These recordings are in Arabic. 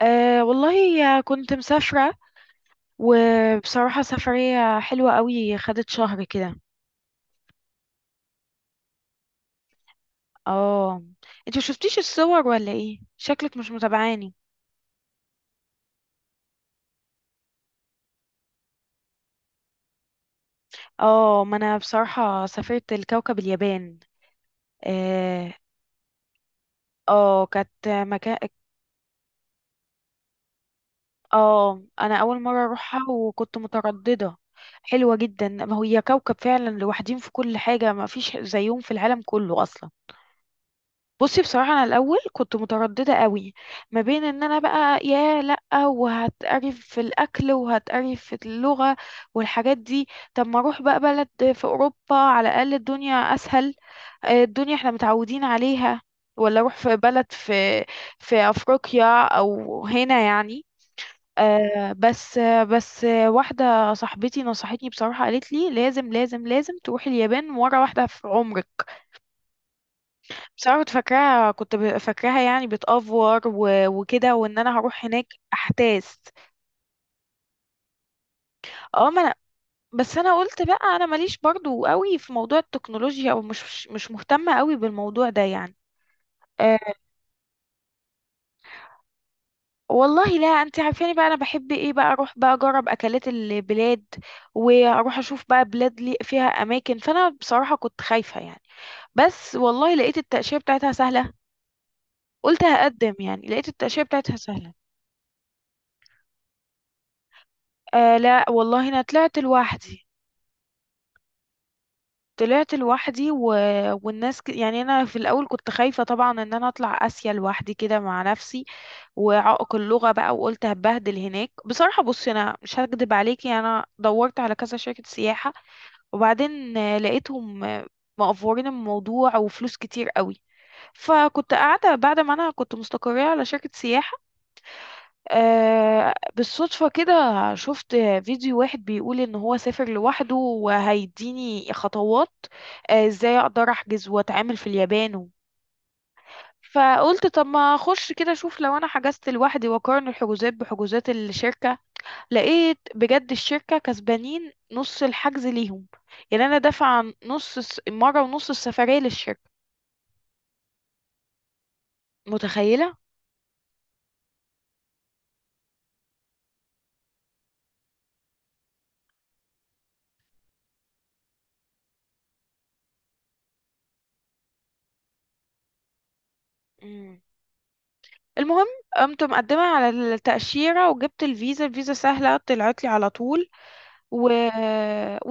أه والله كنت مسافرة. وبصراحة، سفرية حلوة قوي خدت شهر كده. اه، انت ما شفتيش الصور؟ ولا ايه، شكلك مش متابعاني. اه، ما انا بصراحة سافرت الكوكب اليابان. اه. اه، كانت مكان. اه، انا اول مرة اروحها وكنت مترددة. حلوة جدا، ما هي كوكب فعلا، لوحدين في كل حاجة، ما فيش زيهم في العالم كله اصلا. بصي، بصراحة أنا الأول كنت مترددة قوي. ما بين إن أنا بقى يا لأ، وهتقرف في الأكل وهتقرف في اللغة والحاجات دي. طب ما أروح بقى بلد في أوروبا، على الأقل الدنيا أسهل. الدنيا إحنا متعودين عليها. ولا أروح في بلد في أفريقيا أو هنا يعني. بس واحدة صاحبتي نصحتني بصراحة، قالت لي لازم لازم لازم تروحي اليابان مرة واحدة في عمرك. بصراحة كنت فاكراها يعني بتأفور و- وكده، وان انا هروح هناك احتاس. اه، ما انا. بس انا قلت بقى، انا ماليش برضو قوي في موضوع التكنولوجيا، او مش مهتمة قوي بالموضوع ده يعني. أه، والله لا، انت عارفاني بقى، انا بحب ايه بقى؟ اروح بقى اجرب اكلات البلاد، واروح اشوف بقى بلاد لي فيها اماكن، فانا بصراحة كنت خايفة يعني. بس والله لقيت التأشيرة بتاعتها سهلة. قلت هقدم يعني، لقيت التأشيرة بتاعتها سهلة. أه، لا والله انا طلعت لوحدي. طلعت لوحدي. و... والناس يعني انا في الاول كنت خايفه طبعا، ان انا اطلع اسيا لوحدي كده مع نفسي. وعائق اللغه بقى، وقلت هبهدل هناك بصراحه. بصي، انا مش هكدب عليكي، انا دورت على كذا شركه سياحه، وبعدين لقيتهم مقفورين الموضوع وفلوس كتير قوي. فكنت قاعده بعد ما انا كنت مستقريه على شركه سياحه. بالصدفة كده شفت فيديو واحد بيقول ان هو سافر لوحده، وهيديني خطوات ازاي اقدر احجز واتعامل في اليابان. فقلت طب ما اخش كده اشوف، لو انا حجزت لوحدي واقارن الحجوزات بحجوزات الشركة. لقيت بجد الشركة كسبانين نص الحجز ليهم. يعني انا دافعة نص مرة ونص السفرية للشركة. متخيلة؟ مم. المهم، قمت مقدمة على التأشيرة وجبت الفيزا، الفيزا سهلة طلعت لي على طول. و...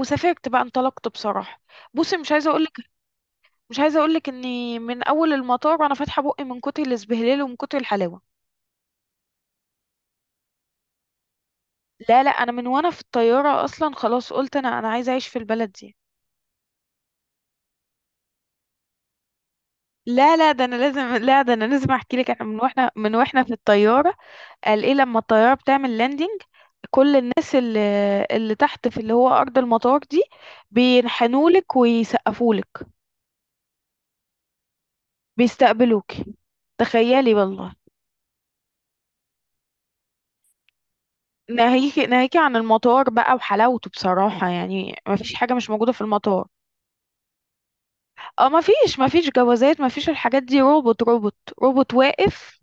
وسافرت بقى، انطلقت بصراحة. بصي، مش عايزة اقولك اني من اول المطار وانا فاتحة بقي من كتر الاسبهلال ومن كتر الحلاوة. لا لا، انا من وانا في الطيارة اصلا خلاص قلت، انا عايزة اعيش في البلد دي. لا لا ده انا لازم لا ده انا لازم احكي لك، احنا من واحنا من واحنا في الطيارة. قال ايه، لما الطيارة بتعمل لاندنج كل الناس اللي تحت في اللي هو ارض المطار دي بينحنولك ويسقفولك. بيستقبلوك. تخيلي والله. ناهيكي عن المطار بقى وحلاوته بصراحة، يعني ما فيش حاجة مش موجودة في المطار. اه، ما فيش جوازات، ما فيش الحاجات دي، روبوت روبوت، روبوت واقف.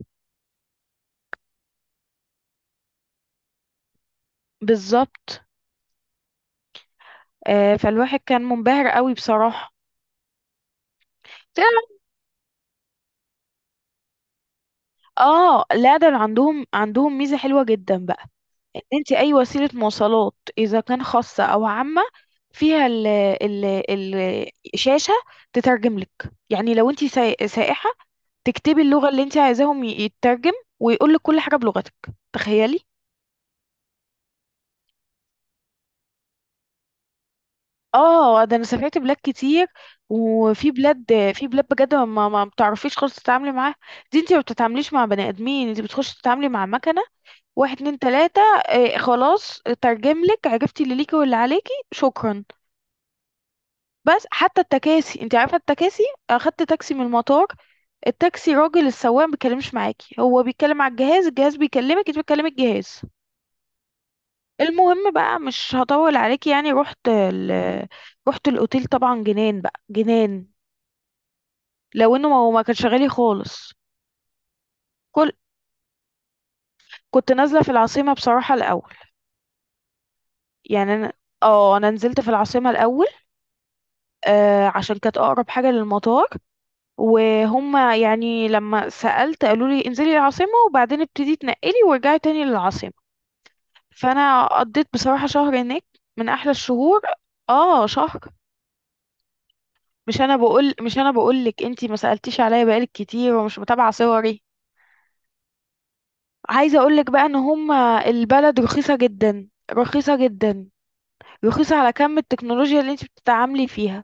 بالظبط. فالواحد كان منبهر قوي بصراحة. تعرف- اه لا، ده عندهم ميزة حلوة جدا بقى. ان انت اي وسيلة مواصلات، اذا كان خاصة او عامة، فيها الشاشة تترجم لك. يعني لو انت سائحة، تكتبي اللغة اللي انت عايزاهم يترجم، ويقول لك كل حاجة بلغتك. تخيلي. اه، ده انا سافرت بلاد كتير. وفي بلاد بجد ما بتعرفيش خالص تتعاملي معاها. دي انت ما بتتعامليش مع بني ادمين، انت بتخش تتعاملي مع مكنة. واحد اتنين تلاتة، اه خلاص ترجم لك، عرفتي اللي ليكي واللي عليكي، شكرا. بس حتى التكاسي، انت عارفة التكاسي، اخدت تاكسي من المطار. التاكسي راجل السواق ما بيتكلمش معاكي، هو بيتكلم على الجهاز، الجهاز بيكلمك، انت بتكلمي الجهاز. المهم بقى مش هطول عليك، يعني رحت رحت الاوتيل طبعا، جنان بقى جنان. لو انه ما هو ما كانش غالي خالص. كل كنت نازله في العاصمه بصراحه الاول. يعني انا اه، انا نزلت في العاصمه الاول. عشان كانت اقرب حاجه للمطار. وهم يعني، لما سألت قالوا لي انزلي العاصمه، وبعدين ابتدي تنقلي ورجعي تاني للعاصمه. فانا قضيت بصراحه شهر هناك، من احلى الشهور. اه، شهر. مش انا بقول لك، انتي ما سالتيش عليا بقالك كتير، ومش متابعه صوري. عايزه اقول لك بقى ان هم، البلد رخيصه جدا، رخيصه جدا. رخيصه على كم التكنولوجيا اللي انتي بتتعاملي فيها.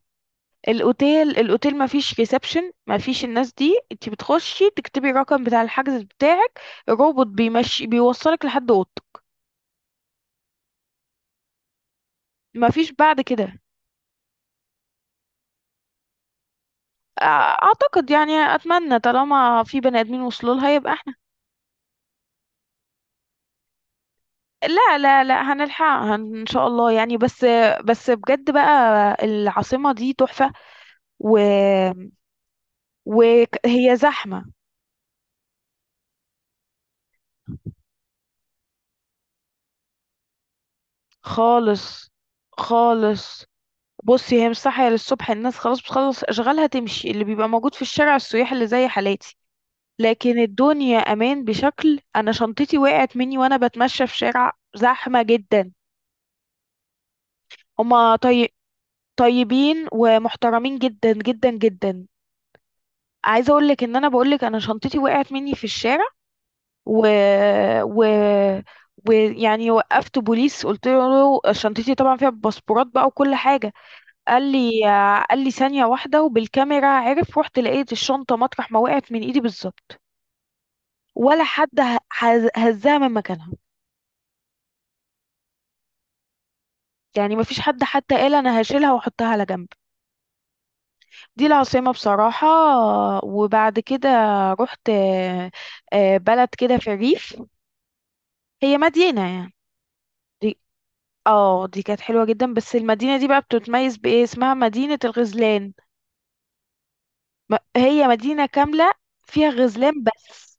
الاوتيل ما فيش ريسبشن، ما فيش الناس دي، انتي بتخشي تكتبي الرقم بتاع الحجز بتاعك. الروبوت بيمشي بيوصلك لحد اوضتك. ما فيش بعد كده. أع- اعتقد يعني، اتمنى طالما في بني ادمين وصلوا لها يبقى. لا لا لا، هنلحقها ان شاء الله يعني. بس بس بجد بقى، العاصمة دي تحفة و وهي زحمة. خالص. خالص. بصي، هي مش صاحية للصبح، الناس خلاص بتخلص اشغالها تمشي، اللي بيبقى موجود في الشارع السياح اللي زي حالاتي. لكن الدنيا امان بشكل، انا شنطتي وقعت مني وانا بتمشى في شارع زحمة جدا. هما طي... طيبين ومحترمين جدا جدا جدا. عايزة اقول لك، ان انا بقول لك انا شنطتي وقعت مني في الشارع. و... و... ويعني وقفت بوليس، قلت له شنطتي طبعا فيها باسبورات بقى وكل حاجه. قال لي قال لي ثانيه واحده، وبالكاميرا عرف، رحت لقيت الشنطه مطرح ما وقعت من ايدي بالظبط، ولا حد هزها من مكانها. يعني ما فيش حد حتى قال انا هشيلها واحطها على جنب. دي العاصمه بصراحه. وبعد كده رحت بلد كده في الريف. هي مدينه يعني، اه دي كانت حلوة جدا، بس المدينة دي بقى بتتميز بإيه؟ اسمها مدينة الغزلان. هي مدينة كاملة فيها غزلان بس.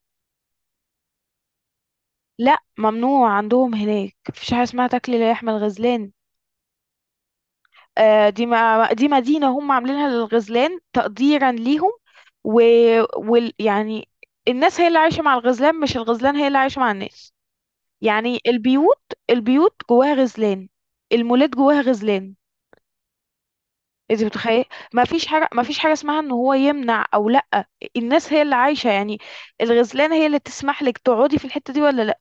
لا ممنوع عندهم هناك، مفيش حاجة اسمها تاكل لحم الغزلان. دي ما دي مدينة هم عاملينها للغزلان تقديرا ليهم. و... يعني الناس هي اللي عايشة مع الغزلان، مش الغزلان هي اللي عايشة مع الناس. يعني البيوت جواها غزلان. المولات جواها غزلان. انت متخيل؟ ما فيش حاجه اسمها ان هو يمنع او لا. الناس هي اللي عايشه يعني، الغزلانه هي اللي تسمح لك تقعدي في الحته دي ولا لا.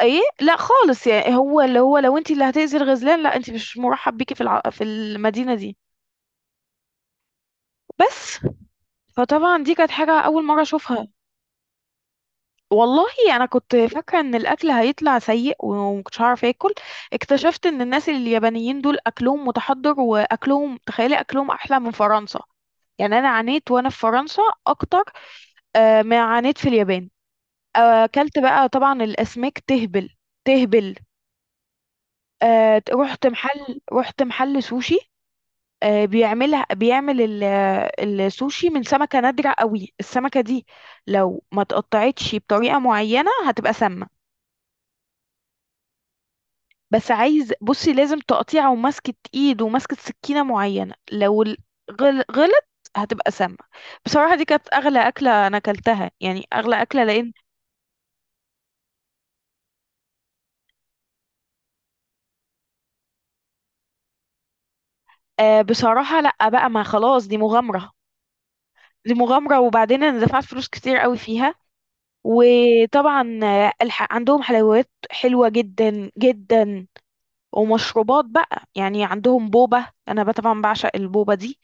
ايه لا خالص، يعني هو لو انت اللي هتاذي الغزلان، لا انت مش مرحب بيكي في المدينه دي بس. فطبعا دي كانت حاجه اول مره اشوفها. والله انا كنت فاكره ان الاكل هيطلع سيء، ومكنتش هعرف اكل. اكتشفت ان الناس اليابانيين دول اكلهم متحضر، واكلهم تخيلي، اكلهم احلى من فرنسا. يعني انا عانيت وانا في فرنسا اكتر ما عانيت في اليابان. اكلت بقى طبعا الاسماك تهبل. تهبل. رحت محل سوشي. بيعمل السوشي من سمكة نادرة قوي، السمكة دي لو ما تقطعتش بطريقة معينة هتبقى سامة. بس بصي، لازم تقطيع ومسكة ايد ومسكة سكينة معينة، لو غلط هتبقى سامة. بصراحة دي كانت أغلى أكلة أنا أكلتها، يعني أغلى أكلة، لأن بصراحة لأ بقى، ما خلاص دي مغامرة. دي مغامرة، وبعدين أنا دفعت فلوس كتير قوي فيها. وطبعا عندهم حلويات حلوة جدا جدا، ومشروبات بقى يعني. عندهم بوبة، أنا بقى طبعا بعشق البوبة دي.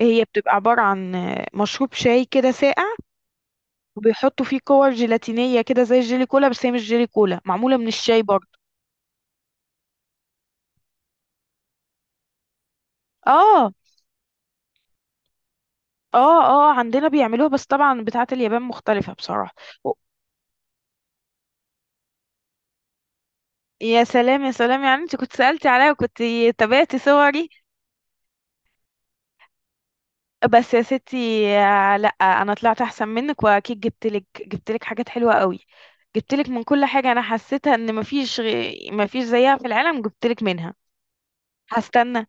هي بتبقى عبارة عن مشروب شاي كده ساقع، وبيحطوا فيه كور جيلاتينية كده زي الجيلي كولا، بس هي مش جيلي كولا، معمولة من الشاي برضه. اه. اه. اه، عندنا بيعملوها، بس طبعا بتاعة اليابان مختلفة بصراحة. و- يا سلام يا سلام، يعني انت كنت سألتي عليا وكنت تابعتي صوري. بس يا ستي، لا، انا طلعت احسن منك، واكيد جبت لك حاجات حلوه قوي. جبت لك من كل حاجه انا حسيتها ان مفيش زيها في العالم، جبت لك منها. هستنى.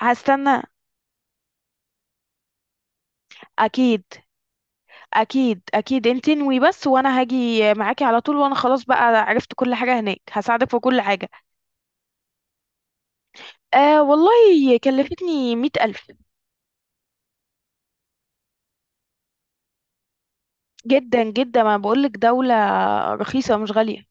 هستنى. اكيد. اكيد اكيد، انت انوي بس وانا هاجي معاكي على طول. وانا خلاص بقى عرفت كل حاجه هناك، هساعدك في كل حاجه. آه والله، كلفتني 100,000. جدا جدا، ما بقولك دوله رخيصه مش غاليه.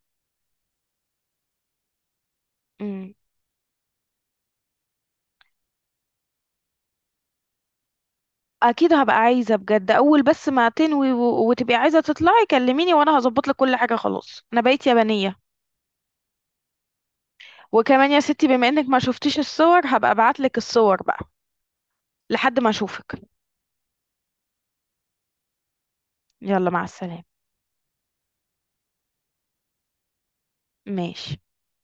اكيد هبقى عايزه بجد، اول بس ما تنوي و- وتبقي عايزه تطلعي، كلميني وانا هظبط لك كل حاجه، خلاص انا بقيت يابانيه. وكمان يا ستي، بما انك ما شفتيش الصور، هبقى ابعت لك الصور بقى لحد ما اشوفك. يلا مع السلامه. ماشي.